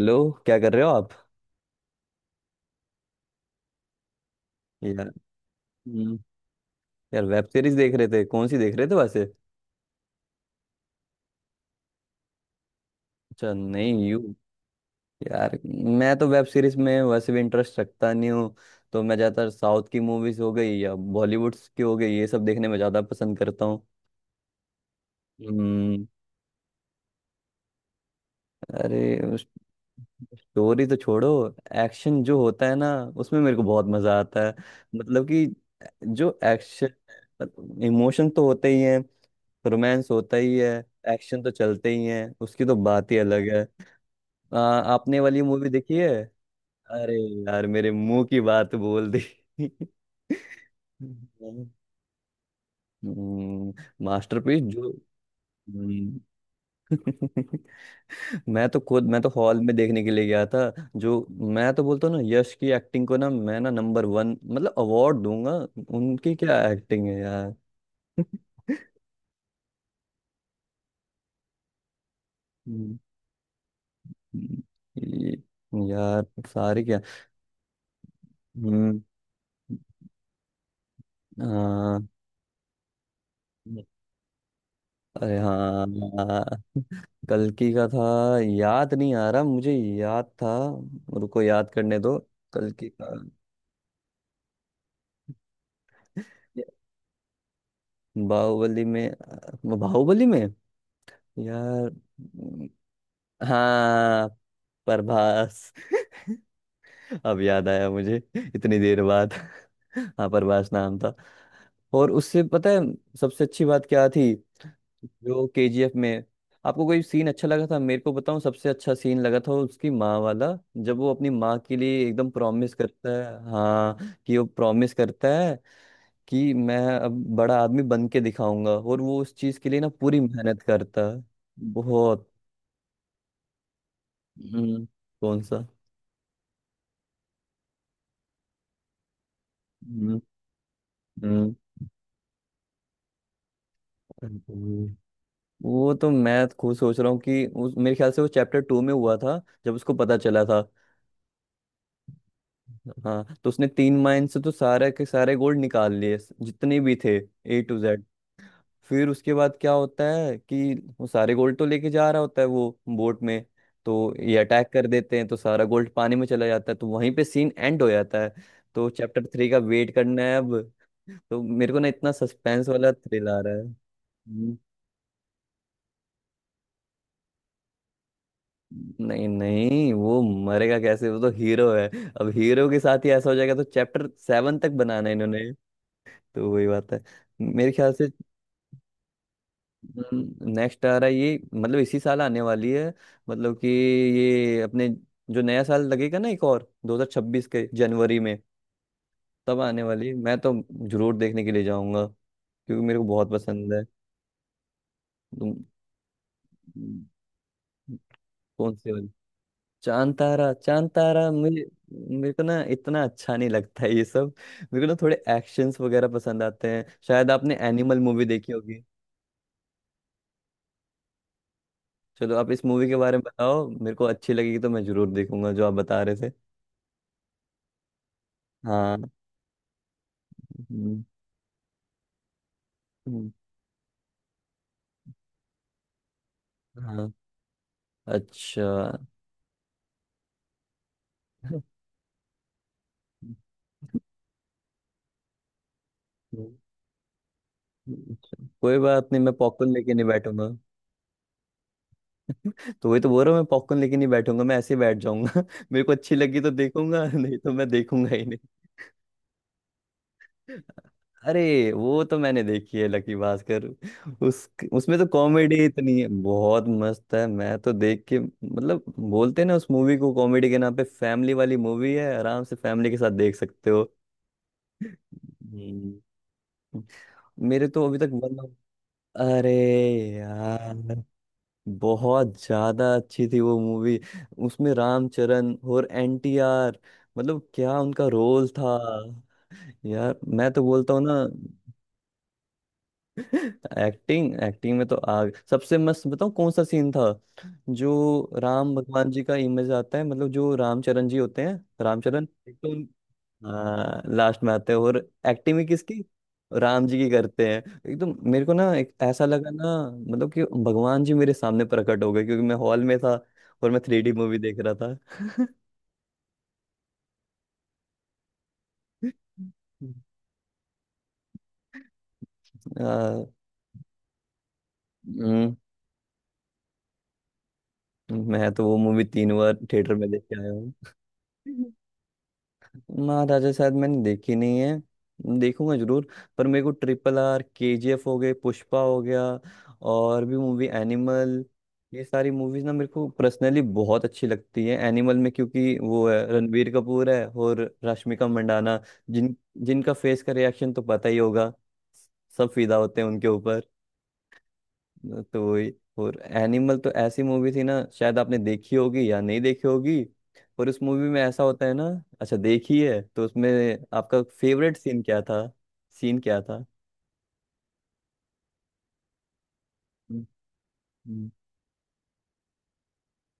लो, क्या कर रहे हो आप। यार। हम्म। यार वेब सीरीज देख रहे थे, कौन सी देख रहे थे वैसे। अच्छा नहीं यू। यार, मैं तो वेब सीरीज में वैसे भी इंटरेस्ट रखता नहीं हूँ। तो मैं ज़्यादातर साउथ की मूवीज हो गई या बॉलीवुड की हो गई, ये सब देखने में ज़्यादा पसंद करता हूँ। हम्म। अरे, स्टोरी तो छोड़ो। एक्शन जो होता है ना, उसमें मेरे को बहुत मज़ा आता है। मतलब कि जो एक्शन, इमोशन तो होते ही हैं, रोमांस होता ही है, एक्शन तो चलते ही है, उसकी तो बात ही अलग है। आ, आपने वाली मूवी देखी है। अरे यार, मेरे मुंह की बात बोल दी। हम्म। मास्टरपीस जो। हम्म। मैं तो हॉल में देखने के लिए गया था जो। मैं तो बोलता हूँ ना, यश की एक्टिंग को ना मैं ना नंबर वन मतलब अवार्ड दूंगा। उनकी क्या एक्टिंग है यार। हम्म। हम्म। यार सारे क्या। हम्म। हाँ। अरे हाँ। हाँ, कल्कि का था। याद नहीं आ रहा, मुझे याद था। रुको, याद करने दो। कल्कि का। बाहुबली में। बाहुबली में। यार। हाँ प्रभास। अब याद आया मुझे, इतनी देर बाद। हाँ, प्रभास नाम था। और उससे पता है, सबसे अच्छी बात क्या थी, जो केजीएफ में। आपको कोई सीन अच्छा लगा था मेरे को बताओ, सबसे अच्छा सीन लगा था उसकी माँ वाला। जब वो अपनी माँ के लिए एकदम प्रॉमिस करता है, हाँ, कि वो प्रॉमिस करता है कि मैं अब बड़ा आदमी बन के दिखाऊंगा, और वो उस चीज के लिए ना पूरी मेहनत करता है। बहुत। हम्म। कौन सा। हम्म। हम्म। हम्म। वो तो मैं खुद सोच रहा हूँ कि उस मेरे ख्याल से वो चैप्टर 2 में हुआ था, जब उसको पता चला था। हाँ, तो उसने तीन माइन से तो सारे के सारे गोल्ड निकाल लिए, जितने भी थे। A to Z. फिर उसके बाद क्या होता है कि वो सारे गोल्ड तो लेके जा रहा होता है वो बोट में, तो ये अटैक कर देते हैं, तो सारा गोल्ड पानी में चला जाता है, तो वहीं पे सीन एंड हो जाता है। तो चैप्टर 3 का वेट करना है अब। तो मेरे को ना इतना सस्पेंस वाला थ्रिल आ रहा है। हम्म। नहीं नहीं, वो मरेगा कैसे, वो तो हीरो है। अब हीरो के साथ ही ऐसा हो जाएगा तो चैप्टर 7 तक बनाना है इन्होंने। तो वही बात है मेरे ख्याल से। नेक्स्ट आ रहा है ये, मतलब इसी साल आने वाली है। मतलब कि ये अपने जो नया साल लगेगा ना, एक और 2026 के जनवरी में तब आने वाली है। मैं तो जरूर देखने के लिए जाऊंगा, क्योंकि मेरे को बहुत पसंद है। तुम। कौन सी वाली। चांद तारा, चांद तारा मुझे। मेरे को ना इतना अच्छा नहीं लगता है ये सब। मेरे को ना थोड़े एक्शंस वगैरह पसंद आते हैं, शायद आपने एनिमल मूवी देखी होगी। चलो आप इस मूवी के बारे में बताओ, मेरे को अच्छी लगेगी तो मैं जरूर देखूंगा, जो आप बता रहे थे। हाँ। हम्म। हम्म। हाँ। अच्छा। कोई बात नहीं, मैं पॉपकॉर्न लेके नहीं बैठूंगा। तो वही तो बोल रहा हूँ, मैं पॉपकॉर्न लेके नहीं बैठूंगा, मैं ऐसे ही बैठ जाऊंगा। मेरे को अच्छी लगी तो देखूंगा, नहीं तो मैं देखूंगा ही नहीं। अरे वो तो मैंने देखी है लकी भास्कर। उस उसमें तो कॉमेडी इतनी है, बहुत मस्त है। मैं तो देख के, मतलब बोलते हैं ना, उस मूवी को कॉमेडी के नाम पे, फैमिली वाली मूवी है, आराम से फैमिली के साथ देख सकते हो। हम्म। मेरे तो अभी तक। अरे यार, बहुत ज्यादा अच्छी थी वो मूवी। उसमें रामचरण और एनटीआर, मतलब क्या उनका रोल था यार। मैं तो बोलता हूँ ना। एक्टिंग, एक्टिंग में तो आग। सबसे मस्त बताऊँ कौन सा सीन था, जो राम भगवान जी का इमेज आता है, मतलब जो रामचरण जी होते हैं। रामचरण, एक तो हाँ, लास्ट में आते हैं, और एक्टिंग भी किसकी, राम जी की करते हैं। एकदम मेरे को ना एक ऐसा लगा ना, मतलब कि भगवान जी मेरे सामने प्रकट हो गए, क्योंकि मैं हॉल में था और मैं 3D मूवी देख रहा था। आ, हम्म। मैं तो वो मूवी तीन बार थिएटर में देख के आया। महाराजा शायद मैंने देखी नहीं है, देखूंगा जरूर। पर मेरे को RRR, केजीएफ हो गए, पुष्पा हो गया, और भी मूवी एनिमल, ये सारी मूवीज ना मेरे को पर्सनली बहुत अच्छी लगती है। एनिमल में क्योंकि वो है रणबीर कपूर है और रश्मिका मंडाना, जिन जिनका फेस का रिएक्शन तो पता ही होगा, सब फिदा होते हैं उनके। तो वही। और एनिमल तो ऐसी मूवी थी ना, शायद आपने देखी होगी या नहीं देखी होगी। और उस मूवी में ऐसा होता है ना। अच्छा देखी है, तो उसमें आपका फेवरेट सीन क्या था। सीन क्या था हम्म। हम्म।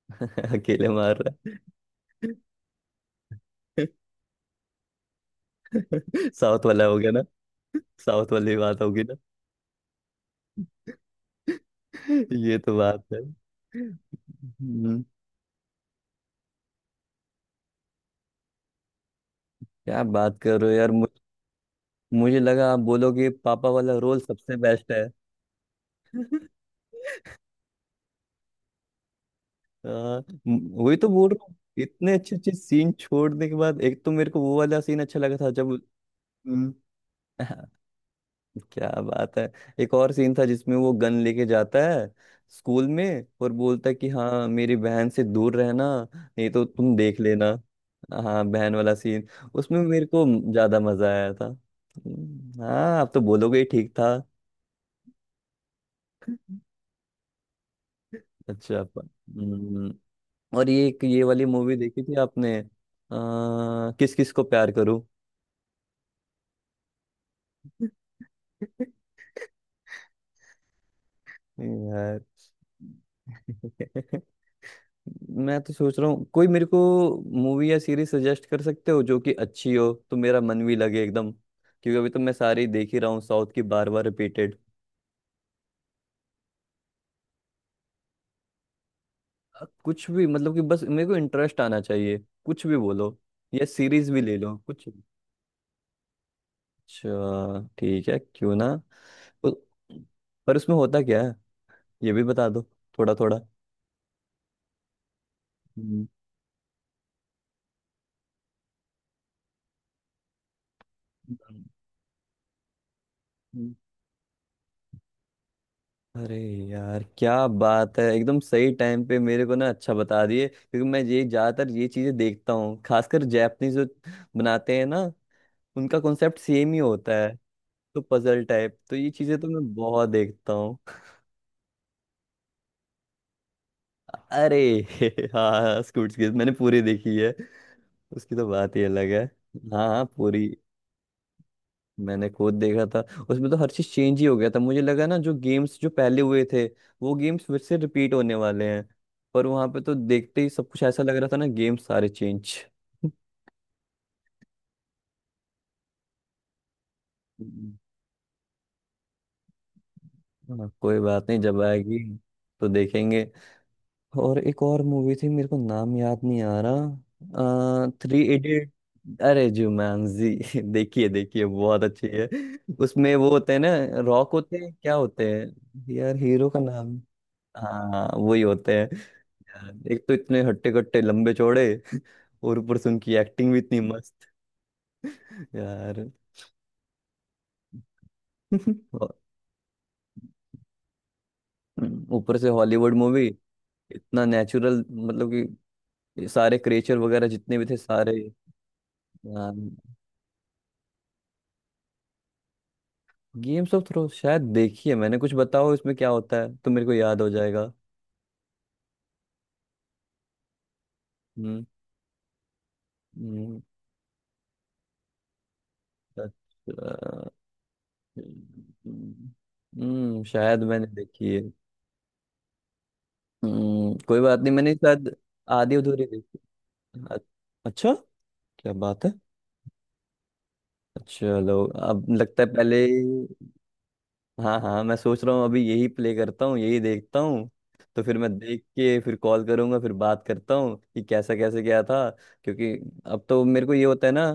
अकेले मार रहा है। साउथ वाला हो गया ना, साउथ वाली बात होगी ना। ये तो बात है। हम्म। क्या बात कर रहे हो यार, मुझे लगा आप बोलोगे पापा वाला रोल सबसे बेस्ट है। हाँ, वही तो बोल रहा हूँ। इतने अच्छे अच्छे सीन छोड़ने के बाद, एक तो मेरे को वो वाला सीन अच्छा लगा था जब। हम्म। हाँ, क्या बात है। एक और सीन था जिसमें वो गन लेके जाता है स्कूल में, और बोलता है कि हाँ मेरी बहन से दूर रहना, नहीं तो तुम देख लेना। हाँ, बहन वाला सीन। उसमें मेरे को ज्यादा मजा आया था। हम्म। हाँ, आप तो बोलोगे ही ठीक था। अच्छा, हम्म। और ये एक ये वाली मूवी देखी थी आपने, किस किस को प्यार करूं। यार मैं तो सोच रहा हूँ कोई मेरे को मूवी या सीरीज सजेस्ट कर सकते हो जो कि अच्छी हो, तो मेरा मन भी लगे एकदम, क्योंकि अभी तो मैं सारी देख ही रहा हूँ साउथ की बार बार रिपीटेड। कुछ भी, मतलब कि बस मेरे को इंटरेस्ट आना चाहिए, कुछ भी बोलो, या सीरीज भी ले लो कुछ भी। अच्छा, ठीक है, क्यों ना। उ- पर उसमें होता क्या है, ये भी बता दो। थोड़ा थोड़ा। हम्म। अरे यार, क्या बात है, एकदम सही टाइम पे मेरे को ना अच्छा बता दिए, क्योंकि मैं ये ज्यादातर ये चीजें देखता हूँ, खासकर जैपनीज जो बनाते हैं ना, उनका कॉन्सेप्ट सेम ही होता है। तो पजल टाइप तो ये चीजें तो मैं बहुत देखता हूँ। अरे। हाँ, स्कूट्स की मैंने पूरी देखी है, उसकी तो बात ही अलग है। हाँ हाँ, पूरी मैंने खुद देखा था। उसमें तो हर चीज चेंज ही हो गया था, मुझे लगा ना जो गेम्स जो पहले हुए थे, वो गेम्स फिर से रिपीट होने वाले हैं। पर वहां पे तो देखते ही सब कुछ ऐसा लग रहा था ना, गेम्स सारे चेंज। हाँ, कोई बात नहीं, जब आएगी तो देखेंगे। और एक और मूवी थी मेरे को नाम याद नहीं आ रहा, 3 इडियट। अरे जुमानजी। देखिए देखिए, बहुत अच्छी है। उसमें वो होते हैं ना, रॉक होते हैं, क्या होते हैं यार हीरो का नाम। हाँ वही होते हैं। एक तो इतने हट्टे कट्टे लंबे चौड़े। और ऊपर से उनकी एक्टिंग भी इतनी मस्त। यार। और ऊपर से हॉलीवुड मूवी, इतना नेचुरल, मतलब कि सारे क्रिएचर वगैरह जितने भी थे सारे। गेम्स ऑफ थ्रोन्स शायद देखी है मैंने, कुछ बताओ इसमें क्या होता है तो मेरे को याद हो जाएगा। हम्म। हम्म। अच्छा। हम्म। शायद मैंने देखी है। कोई बात नहीं, मैंने शायद आधी अधूरी देखी। अ- अच्छा, क्या बात है। चलो, अब लगता है पहले। हाँ हाँ, मैं सोच रहा हूँ अभी यही प्ले करता हूँ, यही देखता हूँ। तो फिर मैं देख के फिर कॉल करूंगा, फिर बात करता हूँ कि कैसा, कैसे क्या था, क्योंकि अब तो मेरे को ये होता है ना,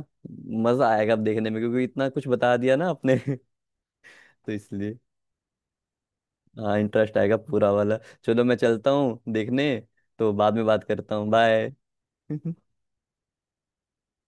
मजा आएगा अब देखने में, क्योंकि इतना कुछ बता दिया ना आपने। तो इसलिए हाँ, इंटरेस्ट आएगा पूरा वाला। चलो मैं चलता हूँ देखने, तो बाद में बात करता हूँ, बाय।